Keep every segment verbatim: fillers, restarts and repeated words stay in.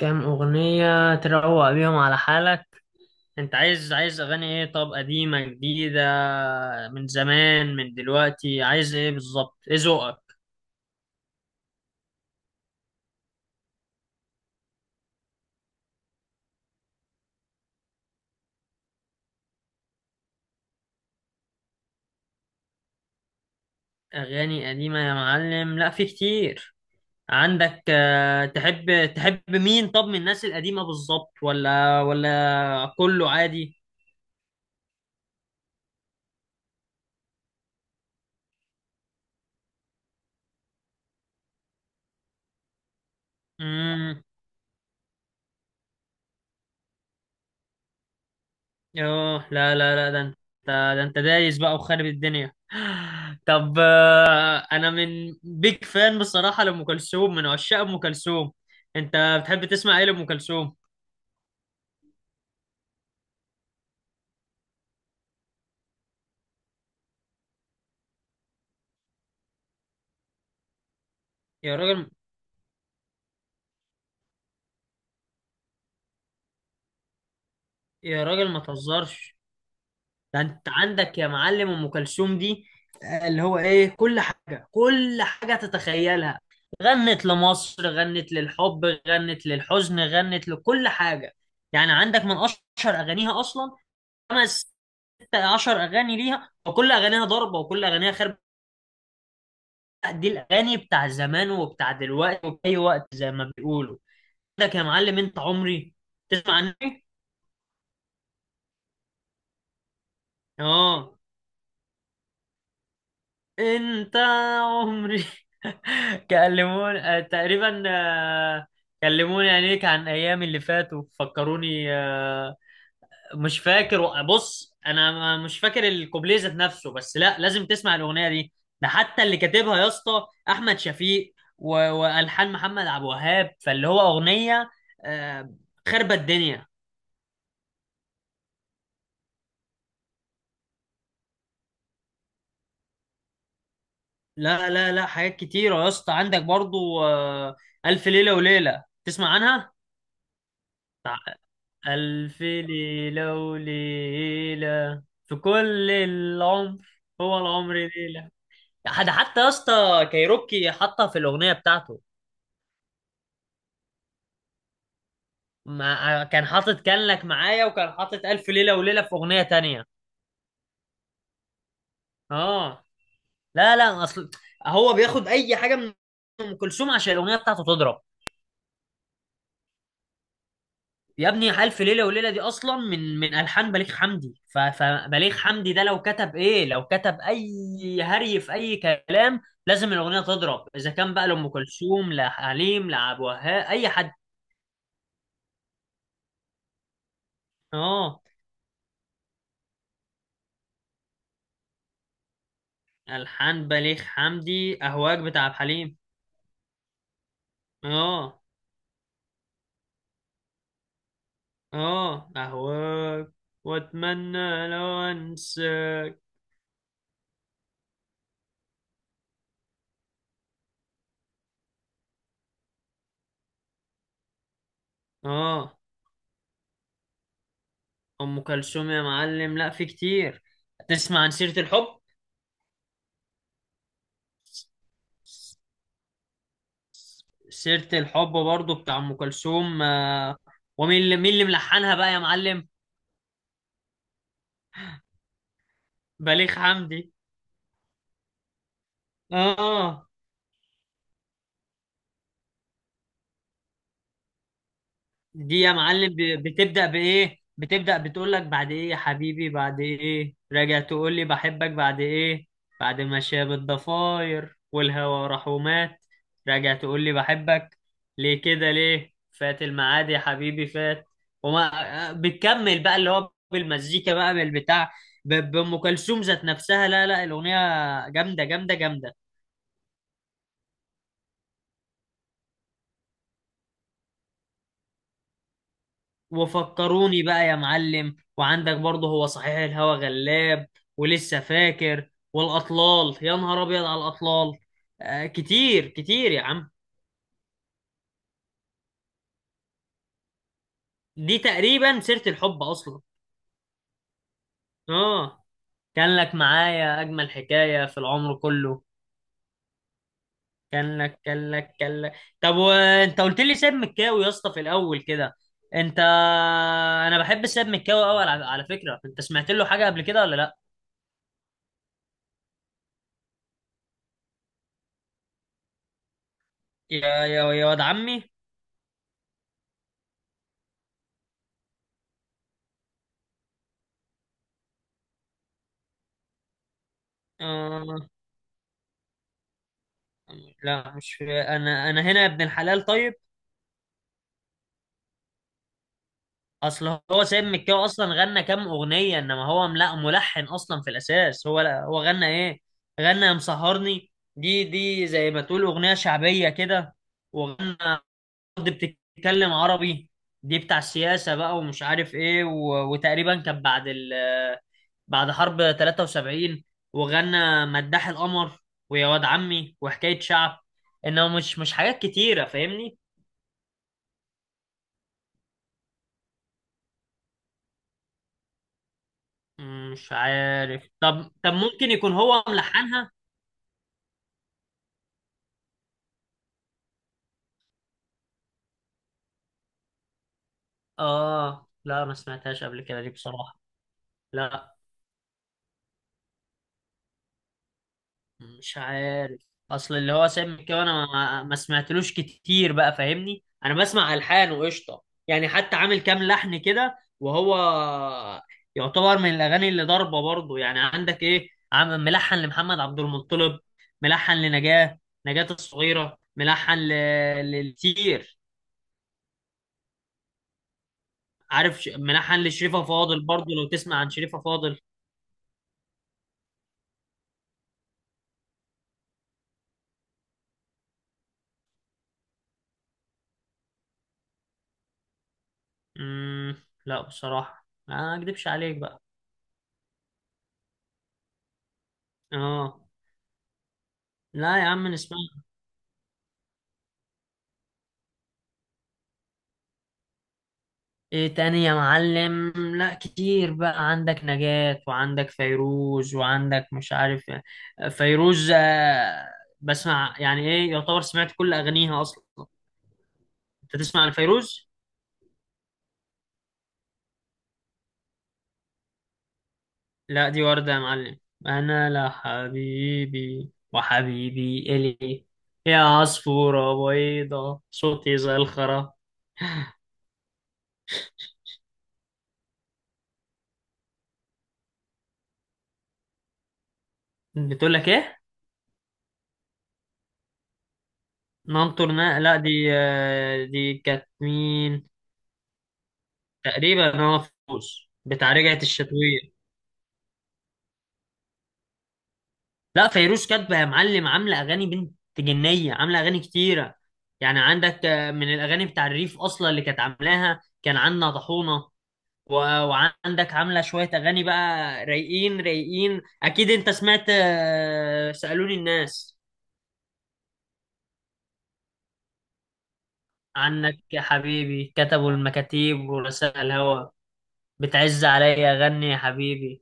كام أغنية تروق بيهم على حالك؟ انت عايز عايز أغاني ايه؟ طب قديمة جديدة؟ من زمان من دلوقتي؟ عايز ايه بالظبط؟ ايه ذوقك؟ أغاني قديمة يا معلم، لا في كتير. عندك، آه، تحب تحب مين؟ طب من الناس القديمة بالظبط، ولا ولا كله عادي؟ اه، لا لا لا، ده انت، ده انت دايس بقى وخارب الدنيا. طب، آه، انا من بيج فان بصراحة لأم كلثوم، من عشاق أم كلثوم. انت بتحب تسمع ايه لأم كلثوم؟ يا راجل. يا راجل ما تهزرش. ده انت عندك يا معلم أم كلثوم دي، آه، اللي هو ايه، كل حاجة، كل حاجة تتخيلها. غنت لمصر، غنت للحب، غنت للحزن، غنت لكل حاجة. يعني عندك من اشهر اغانيها اصلا خمس ست عشر اغاني ليها، وكل اغانيها ضربه، وكل اغانيها خرب. لا، دي الاغاني بتاع زمان وبتاع دلوقتي وفي اي وقت زي ما بيقولوا. عندك يا معلم انت عمري، تسمع عني. اه، انت عمري. كلموني، آه، تقريبا، آه، كلموني عينيك عن ايامي اللي فاتوا، فكروني، آه، مش فاكر. بص، انا ما- مش فاكر الكوبليه ذات نفسه، بس لا، لازم تسمع الاغنيه دي. ده حتى اللي كاتبها يا اسطى احمد شفيق، و... والحان محمد عبد الوهاب، فاللي هو اغنيه، آه، خربت الدنيا. لا لا لا، حاجات كتيره يا اسطى، عندك برضو، آه، الف ليله وليله، تسمع عنها؟ بتاع الف ليله وليله في كل العمر، هو العمر ليله. ده حتى يا اسطى كايروكي حطها في الاغنيه بتاعته. ما كان حاطط كان لك معايا، وكان حاطط ألف ليلة وليلة في أغنية تانية. اه، لا لا، أصل هو بياخد أي حاجة من أم كلثوم عشان الأغنية بتاعته تضرب. يا ابني ألف ليلة وليلة دي أصلا من من ألحان بليغ حمدي، ف- فبليغ حمدي ده لو كتب إيه، لو كتب أي هري في أي كلام، لازم الأغنية تضرب، إذا كان بقى لأم كلثوم لحليم لعبد الوهاب أي حد. اه. ألحان بليغ حمدي أهواك بتاع عبد الحليم. اه. اه، اهواك واتمنى لو انساك. اه، ام كلثوم يا معلم لا في كتير، تسمع عن سيرة الحب؟ سيرة الحب برضو بتاع ام كلثوم، آه. ومين اللي مين اللي ملحنها بقى يا معلم؟ بليغ حمدي. اه، دي يا معلم ب- بتبدأ بإيه؟ بتبدأ بتقول لك بعد إيه يا حبيبي؟ بعد إيه؟ راجع تقول لي بحبك بعد إيه؟ بعد ما شاب الضفاير والهوى راح ومات، راجع تقول لي بحبك ليه؟ كده ليه؟ فات الميعاد يا حبيبي فات. وما بتكمل بقى، اللي هو بالمزيكا بقى بالبتاع، ب- بأم كلثوم ذات نفسها. لا لا، الأغنية جامدة جامدة جامدة. وفكروني بقى يا معلم، وعندك برضه هو صحيح، الهوى غلاب، ولسه فاكر، والأطلال، يا نهار أبيض على الأطلال. آه، كتير كتير يا عم. دي تقريبا سيرة الحب أصلا. آه، كان لك معايا أجمل حكاية في العمر كله. كان لك، كان لك، كان لك. طب، وأنت قلت لي ساب مكاوي يا اسطى في الأول كده، أنت، أنا بحب ساب مكاوي أوي، على على فكرة، أنت سمعت له حاجة قبل كده ولا لأ؟ يا يا يا واد عمي. آه. لا، مش في... انا انا هنا يا ابن الحلال، طيب. اصل هو سيد مكاوي اصلا غنى كام اغنيه، انما هو م- لا ملحن اصلا في الاساس، هو لا، هو غنى ايه؟ غنى يا مسهرني، دي دي زي ما تقول اغنيه شعبيه كده. وغنى أرض بتتكلم عربي، دي بتاع السياسه بقى ومش عارف ايه، و... وتقريبا كان بعد ال... بعد حرب تلاتة وسبعين، وغنى مداح القمر، ويا واد عمي، وحكايه شعب. انه مش مش حاجات كتيره، فاهمني؟ مش عارف، طب طب ممكن يكون هو ملحنها. اه، لا، ما سمعتهاش قبل كده دي بصراحة. لا، مش عارف، اصل اللي هو سامي كده، انا ما ما سمعتلوش كتير بقى، فاهمني؟ انا بسمع الحان وقشطة. يعني حتى عامل كام لحن كده، وهو يعتبر من الاغاني اللي ضاربة برضه، يعني عندك ايه عم، ملحن لمحمد عبد المطلب، ملحن لنجاة، نجاة الصغيرة، ملحن ل... لكتير. عارف ش... منحن لشريفة فاضل برضو، لو تسمع عن شريفة فاضل. مم... لا بصراحة ما اكدبش عليك بقى. اه، لا يا عم نسمع. ايه تاني يا معلم؟ لا كتير بقى، عندك نجاة، وعندك فيروز، وعندك مش عارف. فيروز، آه، بسمع يعني، ايه يعتبر، سمعت كل اغانيها اصلا. انت تسمع لفيروز؟ لا، دي وردة يا معلم، أنا لا حبيبي وحبيبي إلي، يا عصفورة بيضة، صوتي زي الخرا. بتقول لك إيه؟ ننطر نا لا، دي، آه، دي كانت مين؟ تقريبا أنا فوز بتاع رجعت الشتوية. لا، فيروز كاتبة يا معلم، عاملة أغاني بنت جنية، عاملة أغاني كتيرة. يعني عندك، آه، من الأغاني بتاع الريف أصلا اللي كانت عاملاها كان عندنا طحونة، و- وعندك عاملة شوية أغاني بقى رايقين رايقين. أكيد أنت سمعت، آه، سألوني الناس عنك يا حبيبي، كتبوا المكاتيب ورسائل الهوى، بتعز عليا أغني يا حبيبي.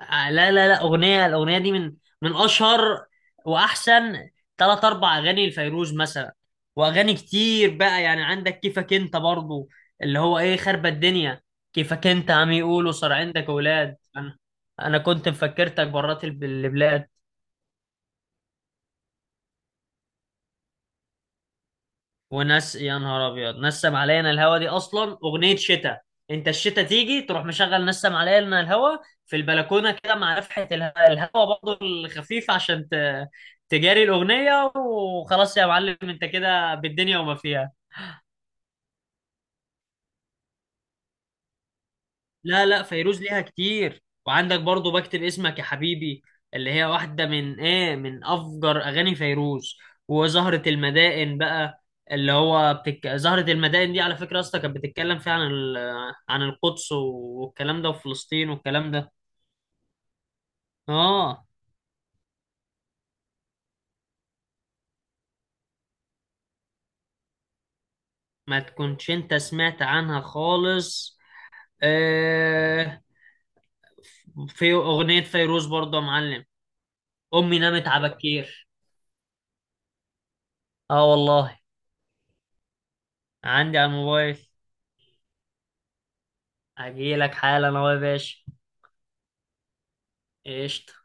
آه، لا لا لا، اغنيه الاغنيه دي من من اشهر واحسن ثلاث اربع اغاني لفيروز مثلا. واغاني كتير بقى، يعني عندك كيفك انت برضو، اللي هو ايه، خربة الدنيا. كيفك انت عم يقولوا صار عندك اولاد، انا، انا كنت مفكرتك برات الب- البلاد. وناس، يا نهار ابيض، نسم علينا الهوا دي اصلا اغنيه شتاء، انت الشتاء تيجي تروح مشغل نسم علينا الهوا في البلكونه كده، مع نفحه اله- الهوا برضه الخفيف عشان ت... تجاري الاغنيه، وخلاص يا معلم انت كده بالدنيا وما فيها. لا لا، فيروز ليها كتير، وعندك برضو بكتب اسمك يا حبيبي، اللي هي واحدة من ايه، من افجر اغاني فيروز. وزهرة المدائن بقى، اللي هو بتك... زهرة المدائن دي على فكرة يا اسطى كانت بتتكلم فيها عن ال... عن القدس والكلام ده وفلسطين والكلام ده. اه، ما تكونش انت سمعت عنها خالص، آه... في اغنية فيروز برضو يا معلم، امي نامت على بكير. اه والله. عندي على الموبايل. اجيلك حالا اهو يا باشا. قشطة.